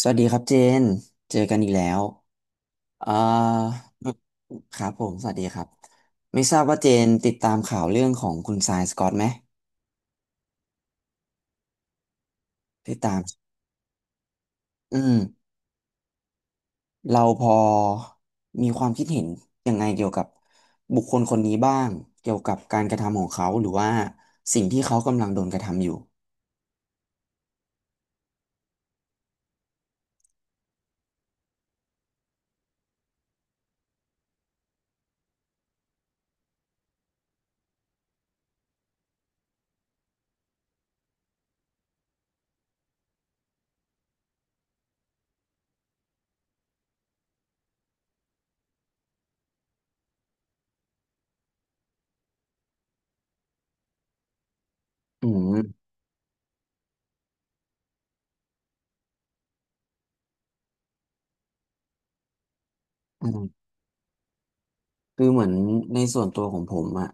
สวัสดีครับเจน เจอกันอีกแล้ว เอ่อครับผม สวัสดีครับ ไม่ทราบว่าเจนติดตามข่าวเรื่องของคุณซายสกอตไหม ติดตามอืม เราพอมีความคิดเห็นยังไงเกี่ยวกับบุคคลคนนี้บ้าง เกี่ยวกับการกระทำของเขาหรือว่าสิ่งที่เขากำลังโดนกระทำอยู่อืมอืมคือเหมือนในส่วนตัวของผมอะ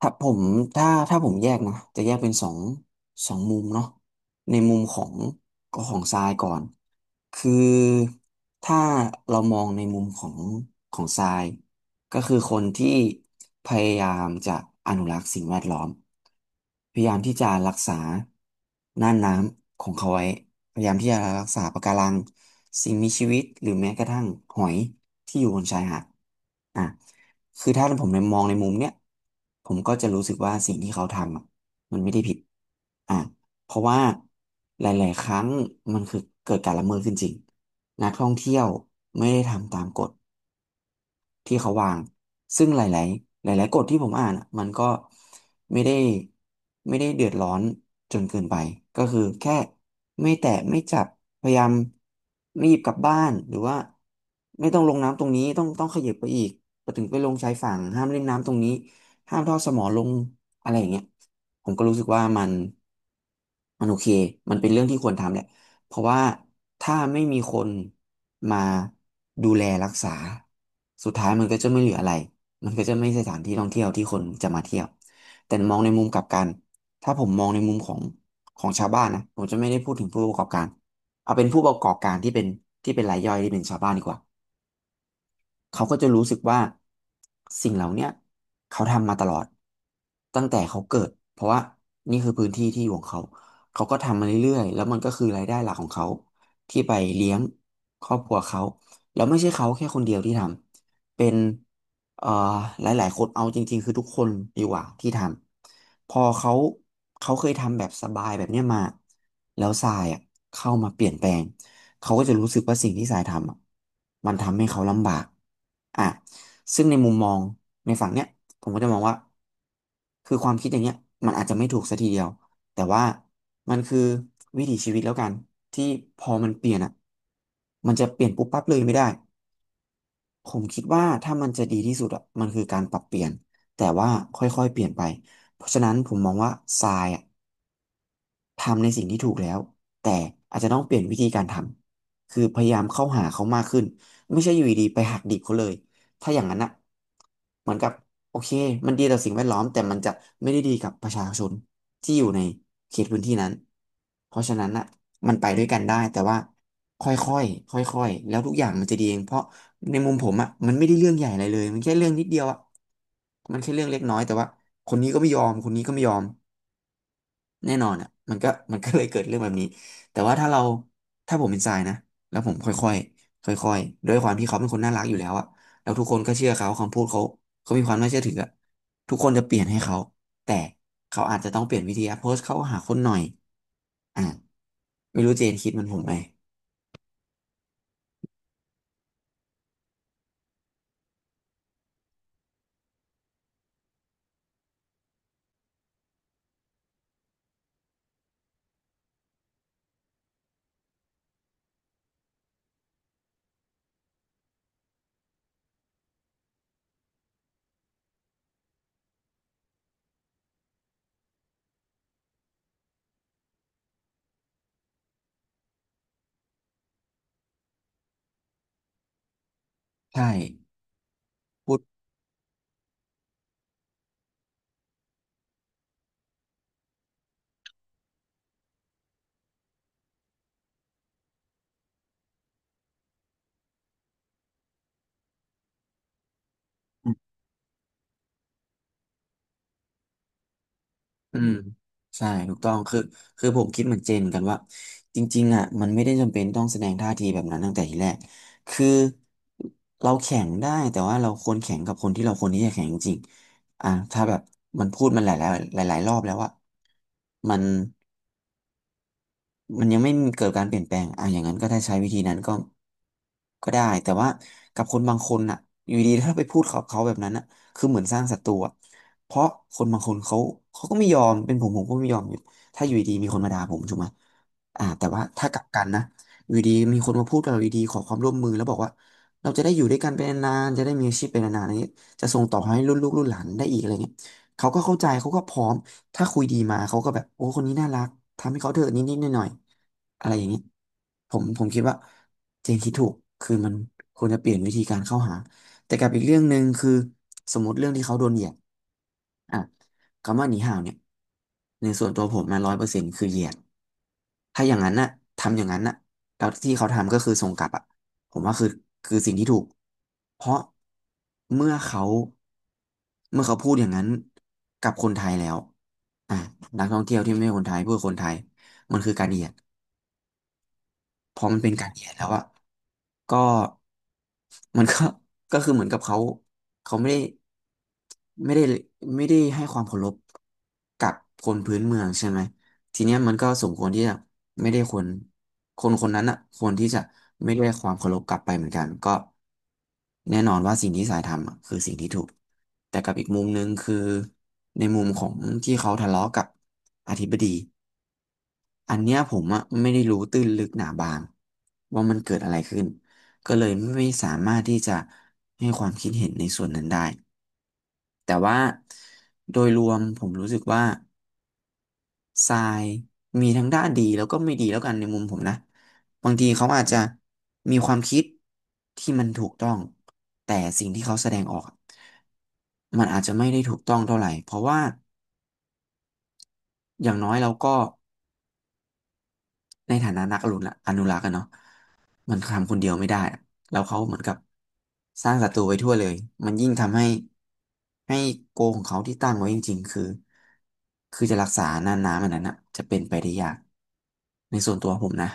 ถ้าผมถ้าผมแยกนะจะแยกเป็นสองมุมเนาะในมุมของก็ของทรายก่อนคือถ้าเรามองในมุมของของทรายก็คือคนที่พยายามจะอนุรักษ์สิ่งแวดล้อมพยายามที่จะรักษาน่านน้ำของเขาไว้ พยายามที่จะรักษาปะการังสิ่งมีชีวิตหรือแม้กระทั่งหอยที่อยู่บนชายหาดอ่ะคือถ้าผมในมองในมุมเนี้ยผมก็จะรู้สึกว่าสิ่งที่เขาทำอะมันไม่ได้ผิดอ่ะเพราะว่าหลายๆครั้งมันคือเกิดการละเมิดขึ้นจริงนักท่องเที่ยวไม่ได้ทำตามกฎ ที่เขาวาง ซึ่งหลายๆหลายๆกฎที่ผมอ่านอะมันก็ไม่ได้ไม่ได้เดือดร้อนจนเกินไป ก็คือแค่ไม่แตะไม่จับพยายามไม่หยิบกลับบ้าน หรือว่าไม่ต้องลงน้ำตรงนี้ต้องขยับไปอีกไปถึงไปลงชายฝั่งห้ามเล่นน้ำตรงนี้ห้ามทอดสมอลงอะไรอย่างเงี้ยผมก็รู้สึกว่ามันโอเค มันเป็นเรื่องที่ควรทำแหละ เพราะว่าถ้าไม่มีคนมาดูแลรักษาสุดท้ายมันก็จะไม่เหลืออะไรมันก็จะไม่ใช่สถานที่ท่องเที่ยวที่คนจะมาเที่ยวแต่มองในมุมกลับกันถ้าผมมองในมุมของของชาวบ้านนะผมจะไม่ได้พูดถึงผู้ประกอบการเอาเป็นผู้ประกอบการที่เป็นรายย่อยที่เป็นชาวบ้านดีกว่า เขาก็จะรู้สึกว่าสิ่งเหล่าเนี้ยเขาทำมาตลอดตั้งแต่เขาเกิดเพราะว่านี่คือพื้นที่ที่อยู่ของเขาเขาก็ทำมาเรื่อยๆแล้วมันก็คือรายได้หลักของเขาที่ไปเลี้ยงครอบครัวเขาแล้วไม่ใช่เขาแค่คนเดียวที่ทำเป็นเอ่อหลายๆคนเอาจริงๆคือทุกคนดีกว่าที่ทำพอเขาเคยทำแบบสบายแบบเนี้ยมาแล้วทรายอ่ะเข้ามาเปลี่ยนแปลง เขาก็จะรู้สึกว่าสิ่งที่สายทำอะมันทำให้เขาลำบากอ่ะซึ่งในมุมมองในฝั่งเนี้ยผมก็จะมองว่าคือความคิดอย่างเงี้ยมันอาจจะไม่ถูกสัทีเดียวแต่ว่ามันคือวิถีชีวิตแล้วกันที่พอมันเปลี่ยนอ่ะมันจะเปลี่ยนปุ๊บปั๊บเลยไม่ได้ผมคิดว่าถ้ามันจะดีที่สุดอ่ะมันคือการปรับเปลี่ยนแต่ว่าค่อยๆเปลี่ยนไปเพราะฉะนั้นผมมองว่าทรายอ่ะ ทำในสิ่งที่ถูกแล้วแต่อาจจะต้องเปลี่ยนวิธีการทำคือพยายามเข้าหาเขามากขึ้นไม่ใช่อยู่ดีๆไปหักดิบเขาเลยถ้าอย่างนั้นอะเหมือนกับโอเคมันดีต่อสิ่งแวดล้อมแต่มันจะไม่ได้ดีกับประชาชนที่อยู่ในเขตพื้นที่นั้นเพราะฉะนั้นอะมันไปด้วยกันได้แต่ว่าค่อยๆค่อยๆแล้วทุกอย่างมันจะดีเองเพราะในมุมผมอะมันไม่ได้เรื่องใหญ่อะไรเลยมันแค่เรื่องนิดเดียวอะมันแค่เรื่องเล็กน้อยแต่ว่าคนนี้ก็ไม่ยอมคนนี้ก็ไม่ยอม แน่นอนอ่ะมันก็ มันก็เลยเกิดเรื่องแบบนี้แต่ว่าถ้าผมเป็นทรายนะแล้วผมค่อยๆค่อยๆด้วยความที่เขาเป็นคนน่ารักอยู่แล้วอ่ะแล้วทุกคนก็เชื่อเขาคำพูดเขาเขามีความน่าเชื่อถืออะทุกคนจะเปลี่ยนให้เขาแต่เขาอาจจะต้องเปลี่ยนวิธีการโพสต์เข้าหาคนหน่อยอ่ะไม่รู้เจนคิดเหมันผมไหมใช่พูด อืมใช่ถูกต้องคือผมคิดเหมือนเจนเหมือนกันว่าจริงๆอ่ะมันไม่ได้จำเป็นต้องแสดงท่าทีแบบนั้นตั้งแต่ทีแรกคือเราแข่งได้แต่ว่าเราควรแข่งกับคนที่เราควรที่จะแข่งจริงๆอ่ะถ้าแบบมันพูดมันหลายๆหลายๆรอบแล้วว่ามัน มันยังไม่เกิดการเปลี่ยนแปลงอ่ะอย่างนั้นก็ถ้าใช้วิธีนั้นก็ได้ แต่ว่ากับคนบางคนอ่ะอยู่ดีถ้าไปพูดเขาแบบนั้นอ่ะคือเหมือนสร้างศัตรูอะเพราะคนบางคนเขาก็ไม่ยอมเป็นผมก็ไม่ยอมอยู่ถ้าอยู่ดีมีคนมาด่าผมถูกไหมแต่ว่าถ้ากลับกันนะอยู่ดีมีคนมาพูดกับเราอยู่ดีขอความร่วมมือแล้วบอกว่าเราจะได้อยู่ด้วยกันเปนนานๆจะได้มีอาชีพเปนนานๆอะไรอย่างเงี้ยจะส่งต่อให้รุ่นลูกรุ่นหลานได้อีกอะไรเงี้ย เขาก็เข้าใจเขาก็พร้อมถ้าคุยดีมาเขาก็แบบโอ้คนนี้น่ารักทำให้เขาเถอะนิดๆหน่อยๆอะไรอย่างนี้ผมคิดว่าเจนคิดถูกคือมันควรจะเปลี่ยนวิธีการเข้าหาแต่กับอีกเรื่องหนึ่งคือสมมติเรื่องที่เขาโดนเหยียดอ่ะคำว่าหนีห่าวเนี่ยในส่วนตัวผมมา100%คือเหยียดถ้าอย่างนั้นน่ะทำอย่างนั้นน่ะแล้วที่เขาทำก็คือส่งกลับอ่ะ ผมว่าคือสิ่งที่ถูกเพราะเมื่อเขาเมื่อเขาพูดอย่างนั้นกับคนไทยแล้วอ่ะนักท่องเที่ยวที่ไม่ใช่คนไทยพูดกับคนไทยมันคือการเหยียด พอมันเป็นการเขียนแล้วอะก็มันก็ ก็คือเหมือนกับเขาเขาไม่ได้ไม่ได้ไม่ได้ให้ความเคารพกับคนพื้นเมืองใช่ไหมทีเนี้ยมันก็สมควรที่จะไม่ได้คนคนนั้นอะควรที่จะไม่ได้ความเคารพกลับไปเหมือนกันก็แน่นอนว่าสิ่งที่สายทำอะคือสิ่งที่ถูกแต่กับอีกมุมหนึ่งคือในมุมของที่เขาทะเลาะกับอธิบดี อันเนี้ยผมอะไม่ได้รู้ตื้นลึกหนาบางว่ามันเกิดอะไรขึ้นก็เลยไม่สามารถที่จะให้ความคิดเห็นในส่วนนั้นได้แต่ว่าโดยรวมผมรู้สึกว่าทรายมีทั้งด้านดีแล้วก็ไม่ดีแล้วกันในมุมผมนะบางทีเขาอาจจะมีความคิดที่มันถูกต้องแต่สิ่งที่เขาแสดงออกอะมันอาจจะไม่ได้ถูกต้องเท่าไหร่เพราะว่าอย่างน้อยเราก็ ในฐานะนักอนุรักษ์อะเนาะมันทำคนเดียวไม่ได้อะแล้วเขาเหมือนกับสร้างศัตรูไว้ทั่วเลยมันยิ่งทำให้ให้โกของเขาที่ตั้งไว้จริงๆคือจะรักษาน่านน้ำอันนั้นอะจะเป็นไปได้ยากในส่วนตัวผมนะ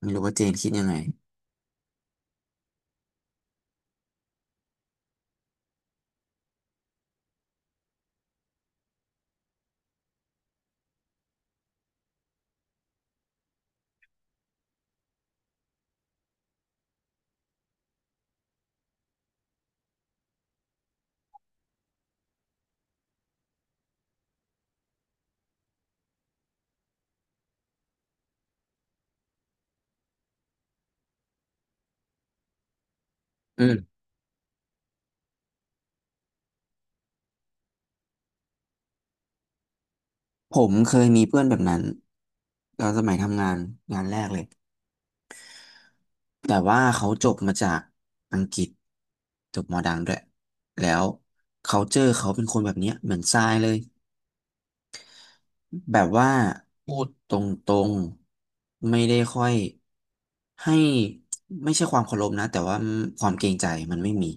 ไม่รู้ว่าเจนคิดยังไงอืมผมเคยมีเพื่อนแบบนั้นตอนสมัยทำงานงานแรกเลยแต่ว่าเขาจบมาจากอังกฤษจบมอดังด้วยแล้ว culture เขาเป็นคนแบบเนี้ยเหมือนทรายเลย แบบว่าพูดตรงๆไม่ได้ค่อยให้ไม่ใช่ความเคารพนะแต่ว่าความเกรงใจมันไม่มี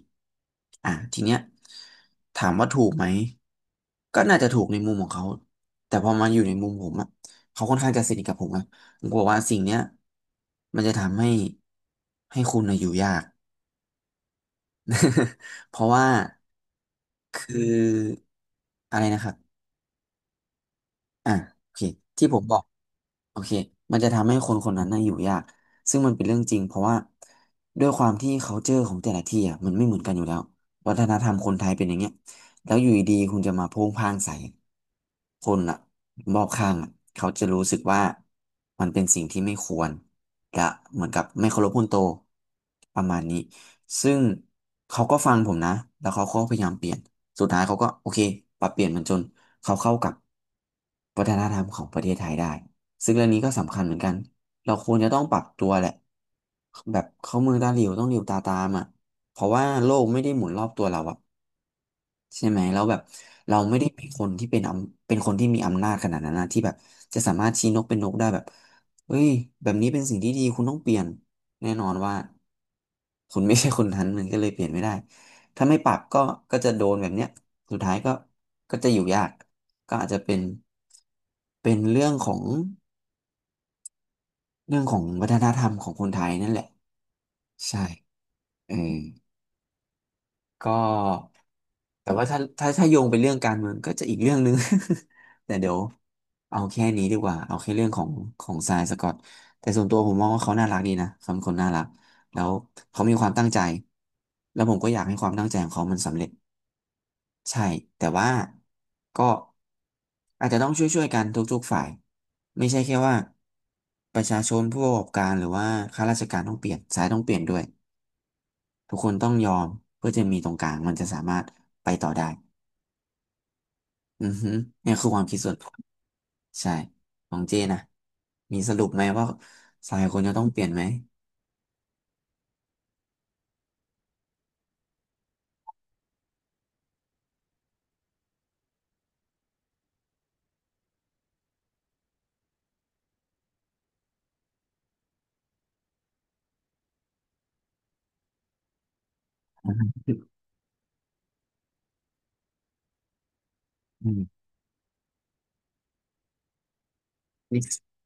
อ่ะทีเนี้ยถามว่าถูกไหมก็น่าจะถูกในมุมของเขาแต่พอมาอยู่ในมุมผมอะเขาค่อนข้างจะสนิทกับผมอะผมกลัวว่าสิ่งเนี้ยมันจะทำให้ให้คุณน่ะอยู่ยาก เพราะว่าคืออะไรนะครับ อ่ะโอเคที่ผมบอกโอเคมันจะทำให้คนคนนั้นน่ะอยู่ยากซึ่งมันเป็นเรื่องจริงเพราะว่าด้วยความที่ culture ของแต่ละที่อ่ะมันไม่เหมือนกันอยู่แล้ววัฒนธรรมคนไทยเป็นอย่างเงี้ยแล้วอยู่ดีๆคุณจะมาโพ่งพ่างใส่คนอ่ะรอบข้างอ่ะเขาจะรู้สึกว่ามันเป็นสิ่งที่ไม่ควรและเหมือนกับไม่เคารพคนโตประมาณนี้ ซึ่งเขาก็ฟังผมนะ แล้วเขาก็พยายามเปลี่ยนสุดท้ายเขาก็โอเคปรับเปลี่ยนมันจนเขาเข้ากับวัฒนธรรมของประเทศไทยได้ ซึ่งเรื่องนี้ก็สำคัญเหมือนกัน เราควรจะต้องปรับตัวแหละแบบเข้ามือตาหลิวต้องหลิวตาตามอ่ะเพราะว่าโลกไม่ได้หมุนรอบตัวเราอะ ใช่ไหมแล้วแบบเราไม่ได้เป็นคนที่เป็นอำเป็นคนที่มีอำนาจขนาดนั้นนะที่แบบจะสามารถชี้นกเป็นนกได้แบบเฮ้ยแบบนี้เป็นสิ่งที่ดีคุณต้องเปลี่ยนแน่นอนว่าคุณไม่ใช่คนนั้นมันก็เลยเปลี่ยนไม่ได้ถ้าไม่ปรับก็ก็จะโดนแบบเนี้ยสุดท้ายก็ก็จะอยู่ยากก็อาจจะเป็นเป็นเรื่องของเรื่องของวัฒนธรรมของคนไทยนั่นแหละใช่เออ ก็แต่ว่าถ้าโยงไปเรื่องการเมืองก็จะอีกเรื่องหนึ่ง แต่เดี๋ยวเอาแค่นี้ดีกว่าเอาแค่เรื่องของของทรายสกอตแต่ส่วนตัวผมมองว่าเขาน่ารักดีนะเขาเป็นคนน่ารักแล้วเขามีความตั้งใจแล้วผมก็อยากให้ความตั้งใจของเขามันสำเร็จใช่แต่ว่าก็อาจจะต้องช่วยๆกันทุกๆฝ่ายไม่ใช่แค่ว่าประชาชนผู้ประกอบการหรือว่าข้าราชการต้องเปลี่ยนสายต้องเปลี่ยนด้วย ทุกคนต้องยอมเพื่อจะมีตรงกลางมันจะสามารถไปต่อได้อือฮึเนี่ยคือความคิดส่วนตัวใช่ของเจนะมีสรุปไหมว่าสายคนจะต้องเปลี่ยนไหมอืมนิสัย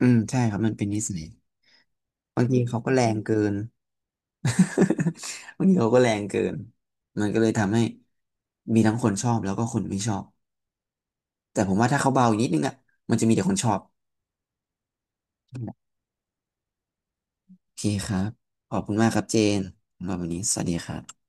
อืมใช่ครับมันเป็นนิสัยบางทีเขาก็แรงเกิน บางทีเขาก็แรงเกินมันก็เลยทำให้มีทั้งคนชอบแล้วก็คนไม่ชอบแต่ผมว่าถ้าเขาเบาอีกนิดนึงอ่ะมันจะมีแต่คนชอบโอเคครับขอบคุณมากครับเจนสำหรับวันนี้สวัสดีครับ